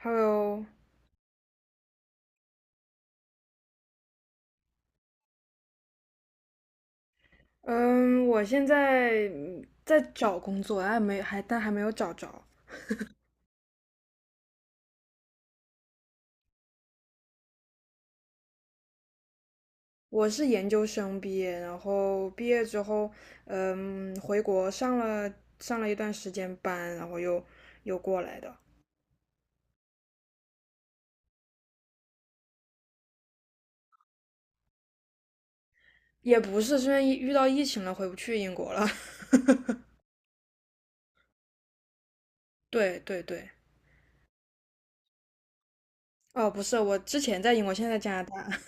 Hello,嗯，我现在在找工作，还没还但还没有找着。我是研究生毕业，然后毕业之后，回国上了一段时间班，然后又过来的，也不是是因为遇到疫情了，回不去英国了。对对对，哦，不是，我之前在英国，现在在加拿大。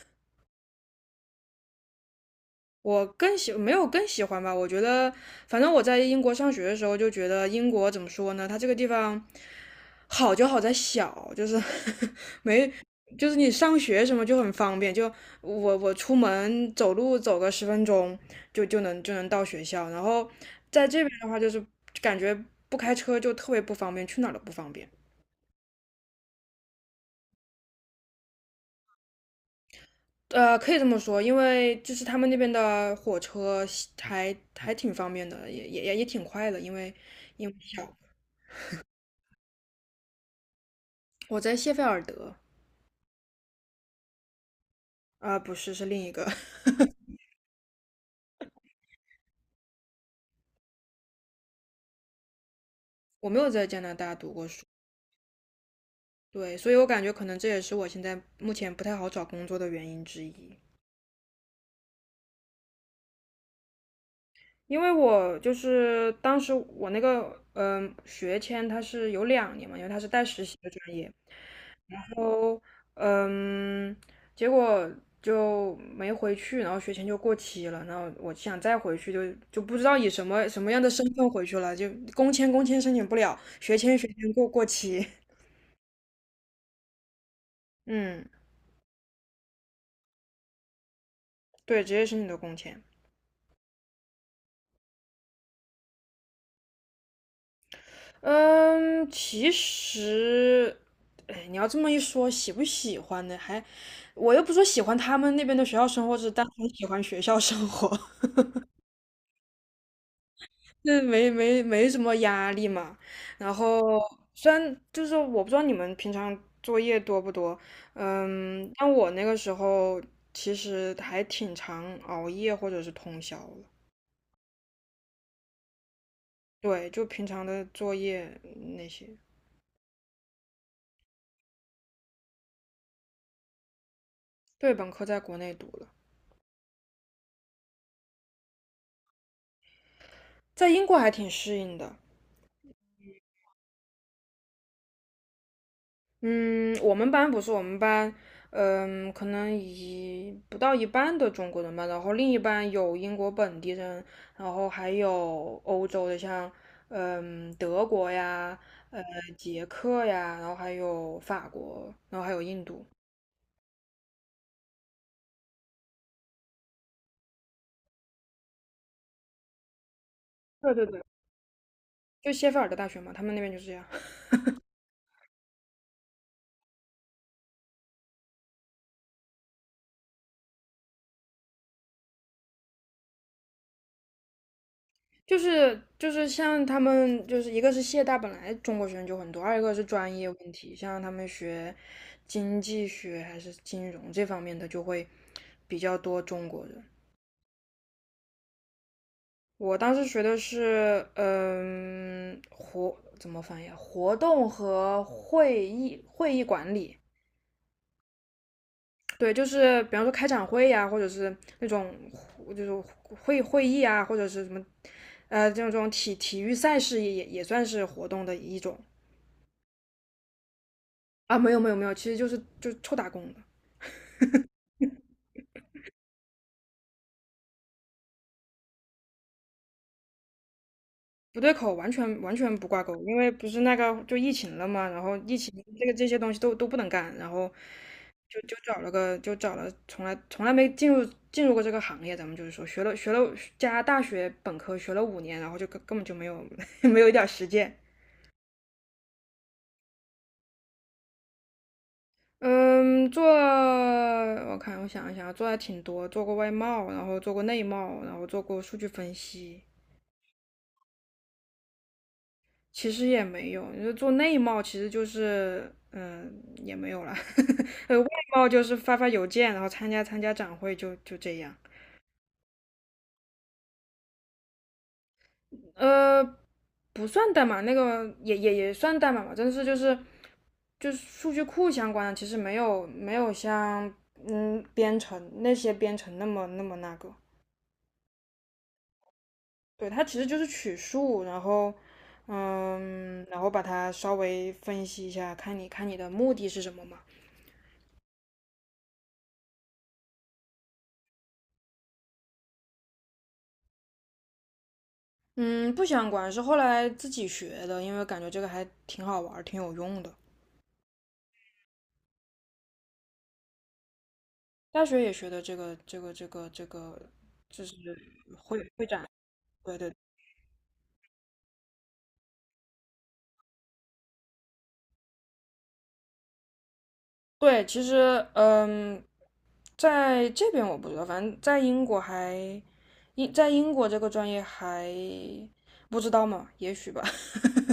我更喜没有更喜欢吧，我觉得反正我在英国上学的时候就觉得英国怎么说呢，它这个地方好就好在小，就是 没就是你上学什么就很方便，就我出门走路走个十分钟就能到学校，然后在这边的话就是感觉不开车就特别不方便，去哪儿都不方便。可以这么说，因为就是他们那边的火车还挺方便的，也挺快的，因为小。我在谢菲尔德，啊、不是，是另一个，我没有在加拿大读过书，对，所以我感觉可能这也是我现在目前不太好找工作的原因之一。因为我就是当时我那个学签它是有两年嘛，因为它是带实习的专业，然后嗯结果就没回去，然后学签就过期了，然后我想再回去就不知道以什么样的身份回去了，就工签申请不了，学签过期，嗯对，直接申请的工签。嗯，其实，哎，你要这么一说，喜不喜欢呢？还，我又不说喜欢他们那边的学校生活，只是单纯喜欢学校生活，那没什么压力嘛。然后，虽然就是我不知道你们平常作业多不多，嗯，但我那个时候其实还挺常熬夜或者是通宵了。对，就平常的作业那些。对，本科在国内读了，在英国还挺适应的。嗯，我们班，嗯，可能不到一半的中国人吧，然后另一半有英国本地人，然后还有欧洲的，像德国呀，呃捷克呀，然后还有法国，然后还有印度。对对对，就谢菲尔德大学嘛，他们那边就是这样。就是像他们就是一个是谢大本来中国学生就很多，二一个是专业问题，像他们学经济学还是金融这方面的就会比较多中国人。我当时学的是怎么翻译啊？活动和会议管理。对，就是比方说开展会呀、或者是那种就是会议啊，或者是什么，呃，这种这种体育赛事也也算是活动的一种。啊，没有，其实就是就臭打工的，不对口，完全不挂钩，因为不是那个就疫情了嘛，然后疫情这个这些东西都不能干，然后找了个找了从来没进入过这个行业，咱们就是说学了学了加拿大学本科学了五年，然后根本就没有 没有一点儿实践。嗯，我看我想一想，做还挺多，做过外贸，然后做过内贸，然后做过数据分析，其实也没有，你说做内贸其实就是，嗯，也没有了。呃，外贸就是发发邮件，然后参加展会就，就这样。呃，不算代码，那个也算代码吧，但是就是数据库相关的，其实没有没有像编程那么那个。对，它其实就是取数，然后嗯，然后把它稍微分析一下，看你的目的是什么嘛。嗯，不想管是后来自己学的，因为感觉这个还挺好玩儿，挺有用的。大学也学的这个，就是会会展，对对对。其实，嗯，在这边我不知道，反正在英国还在英国这个专业还不知道嘛，也许吧，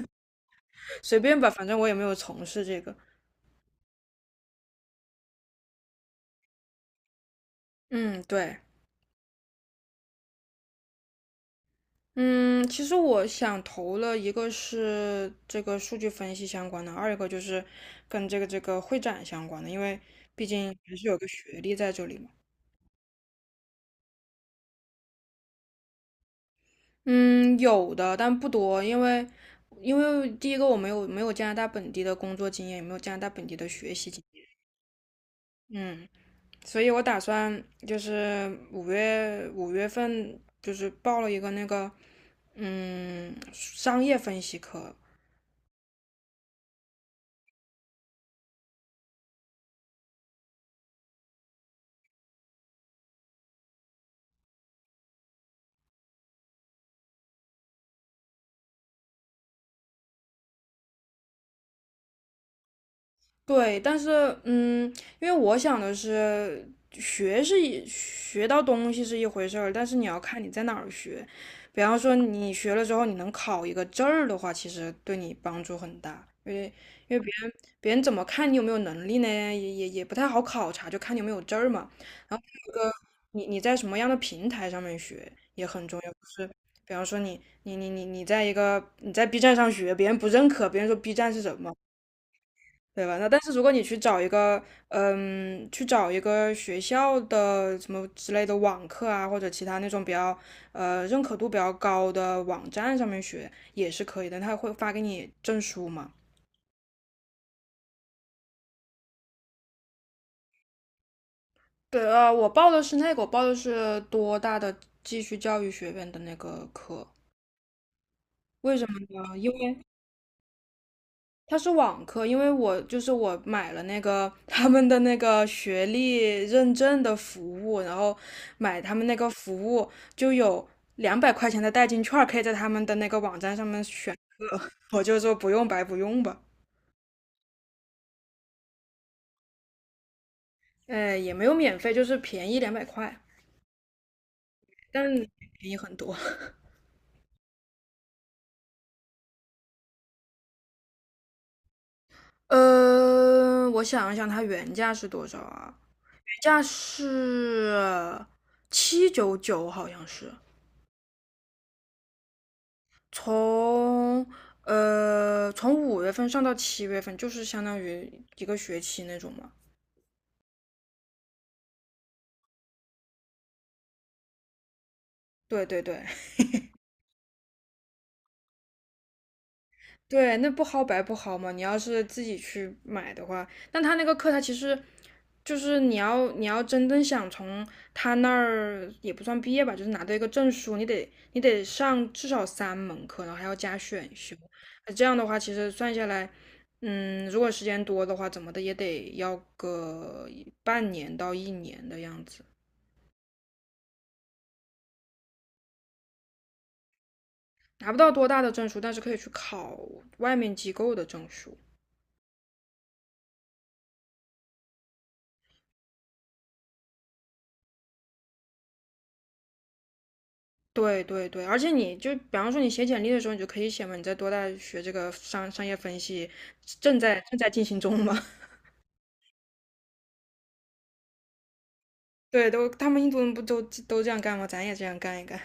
随便吧，反正我也没有从事这个。嗯，对。嗯，其实我想投了一个是这个数据分析相关的，二一个就是跟这个会展相关的，因为毕竟还是有个学历在这里嘛。嗯，有的，但不多，因为因为第一个我没有加拿大本地的工作经验，也没有加拿大本地的学习经验，嗯，所以我打算就是五月份就是报了一个那个嗯商业分析课，对，但是嗯，因为我想的是，学到东西是一回事儿，但是你要看你在哪儿学。比方说你学了之后，你能考一个证儿的话，其实对你帮助很大，因为因为别人怎么看你有没有能力呢？也不太好考察，就看你有没有证儿嘛。然后你在什么样的平台上面学也很重要，就是比方说你在一个你在 B 站上学，别人不认可，别人说 B 站是什么？对吧？那但是如果你去找一个，嗯，去找一个学校的什么之类的网课啊，或者其他那种比较呃认可度比较高的网站上面学也是可以的，他会发给你证书嘛？对，呃，我报的是那个，我报的是多大的继续教育学院的那个课，为什么呢？因为它是网课，因为我就是我买了那个他们的那个学历认证的服务，然后买他们那个服务就有两百块钱的代金券，可以在他们的那个网站上面选。我就说不用白不用吧，呃，也没有免费，就是便宜两百块，但便宜很多。呃，我想一想，它原价是多少啊？原价是799，好像是。从呃从五月份上到七月份，就是相当于一个学期那种嘛。对对对 对，那不薅白不薅嘛。你要是自己去买的话，但他那个课，他其实就是你要真正想从他那儿也不算毕业吧，就是拿到一个证书，你得上至少三门课，然后还要加选修。那这样的话，其实算下来，嗯，如果时间多的话，怎么的也得要个半年到一年的样子。拿不到多大的证书，但是可以去考外面机构的证书。对对对，而且你就比方说你写简历的时候，你就可以写嘛，你在多大学这个商业分析，正在进行中嘛。对，都他们印度人不都都这样干吗？咱也这样干一干。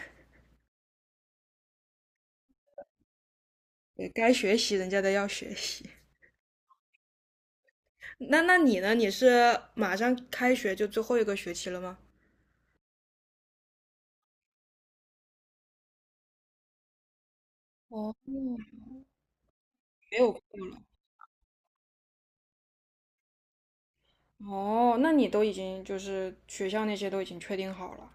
对，该学习人家的要学习。那那你呢？你是马上开学就最后一个学期了吗？哦，没有课了。哦，那你都已经就是学校那些都已经确定好了。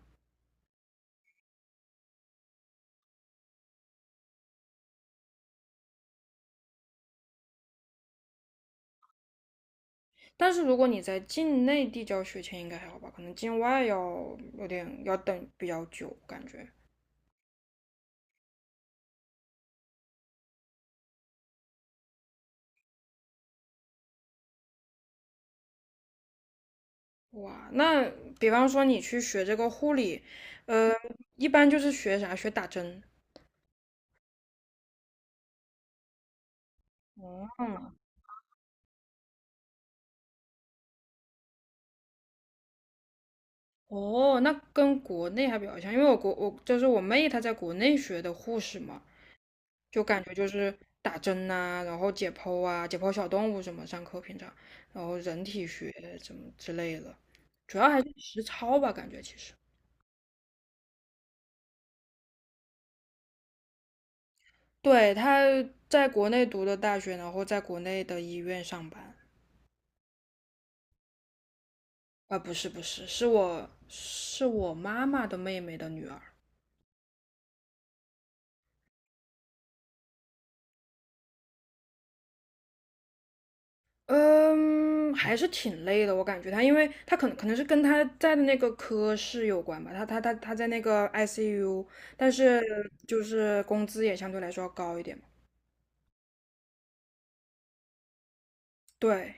但是如果你在境内递交学签应该还好吧，可能境外要有点要等比较久，感觉。哇，那比方说你去学这个护理，呃，一般就是学啥？学打针。哦，哦，那跟国内还比较像，因为我就是我妹她在国内学的护士嘛，就感觉就是打针呐、然后解剖啊，解剖小动物什么，上课平常，然后人体学什么之类的，主要还是实操吧，感觉其实。对，他在国内读的大学，然后在国内的医院上班。啊，不是，是我妈妈的妹妹的女儿。嗯，还是挺累的，我感觉她，因为她可能是跟她在的那个科室有关吧，她在那个 ICU,但是就是工资也相对来说要高一点嘛。对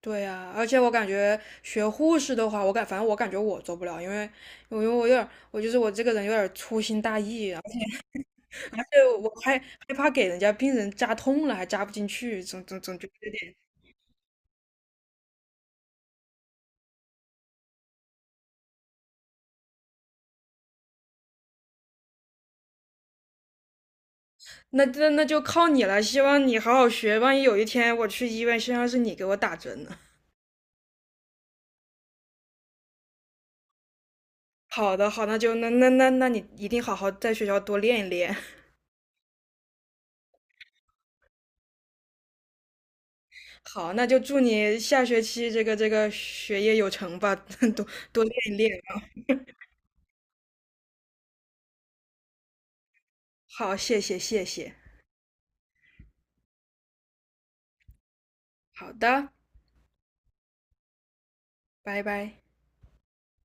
对呀，而且我感觉学护士的话，反正我感觉我做不了，因为因为我有点我就是我这个人有点粗心大意，而且我害怕给人家病人扎痛了，还扎不进去，总觉得有点。那就靠你了，希望你好好学，万一有一天我去医院，身上是你给我打针呢。好的，好，那就那那那那你一定好好在学校多练一练。好，那就祝你下学期这个学业有成吧，多多练一练啊。好，谢谢。好的，拜拜。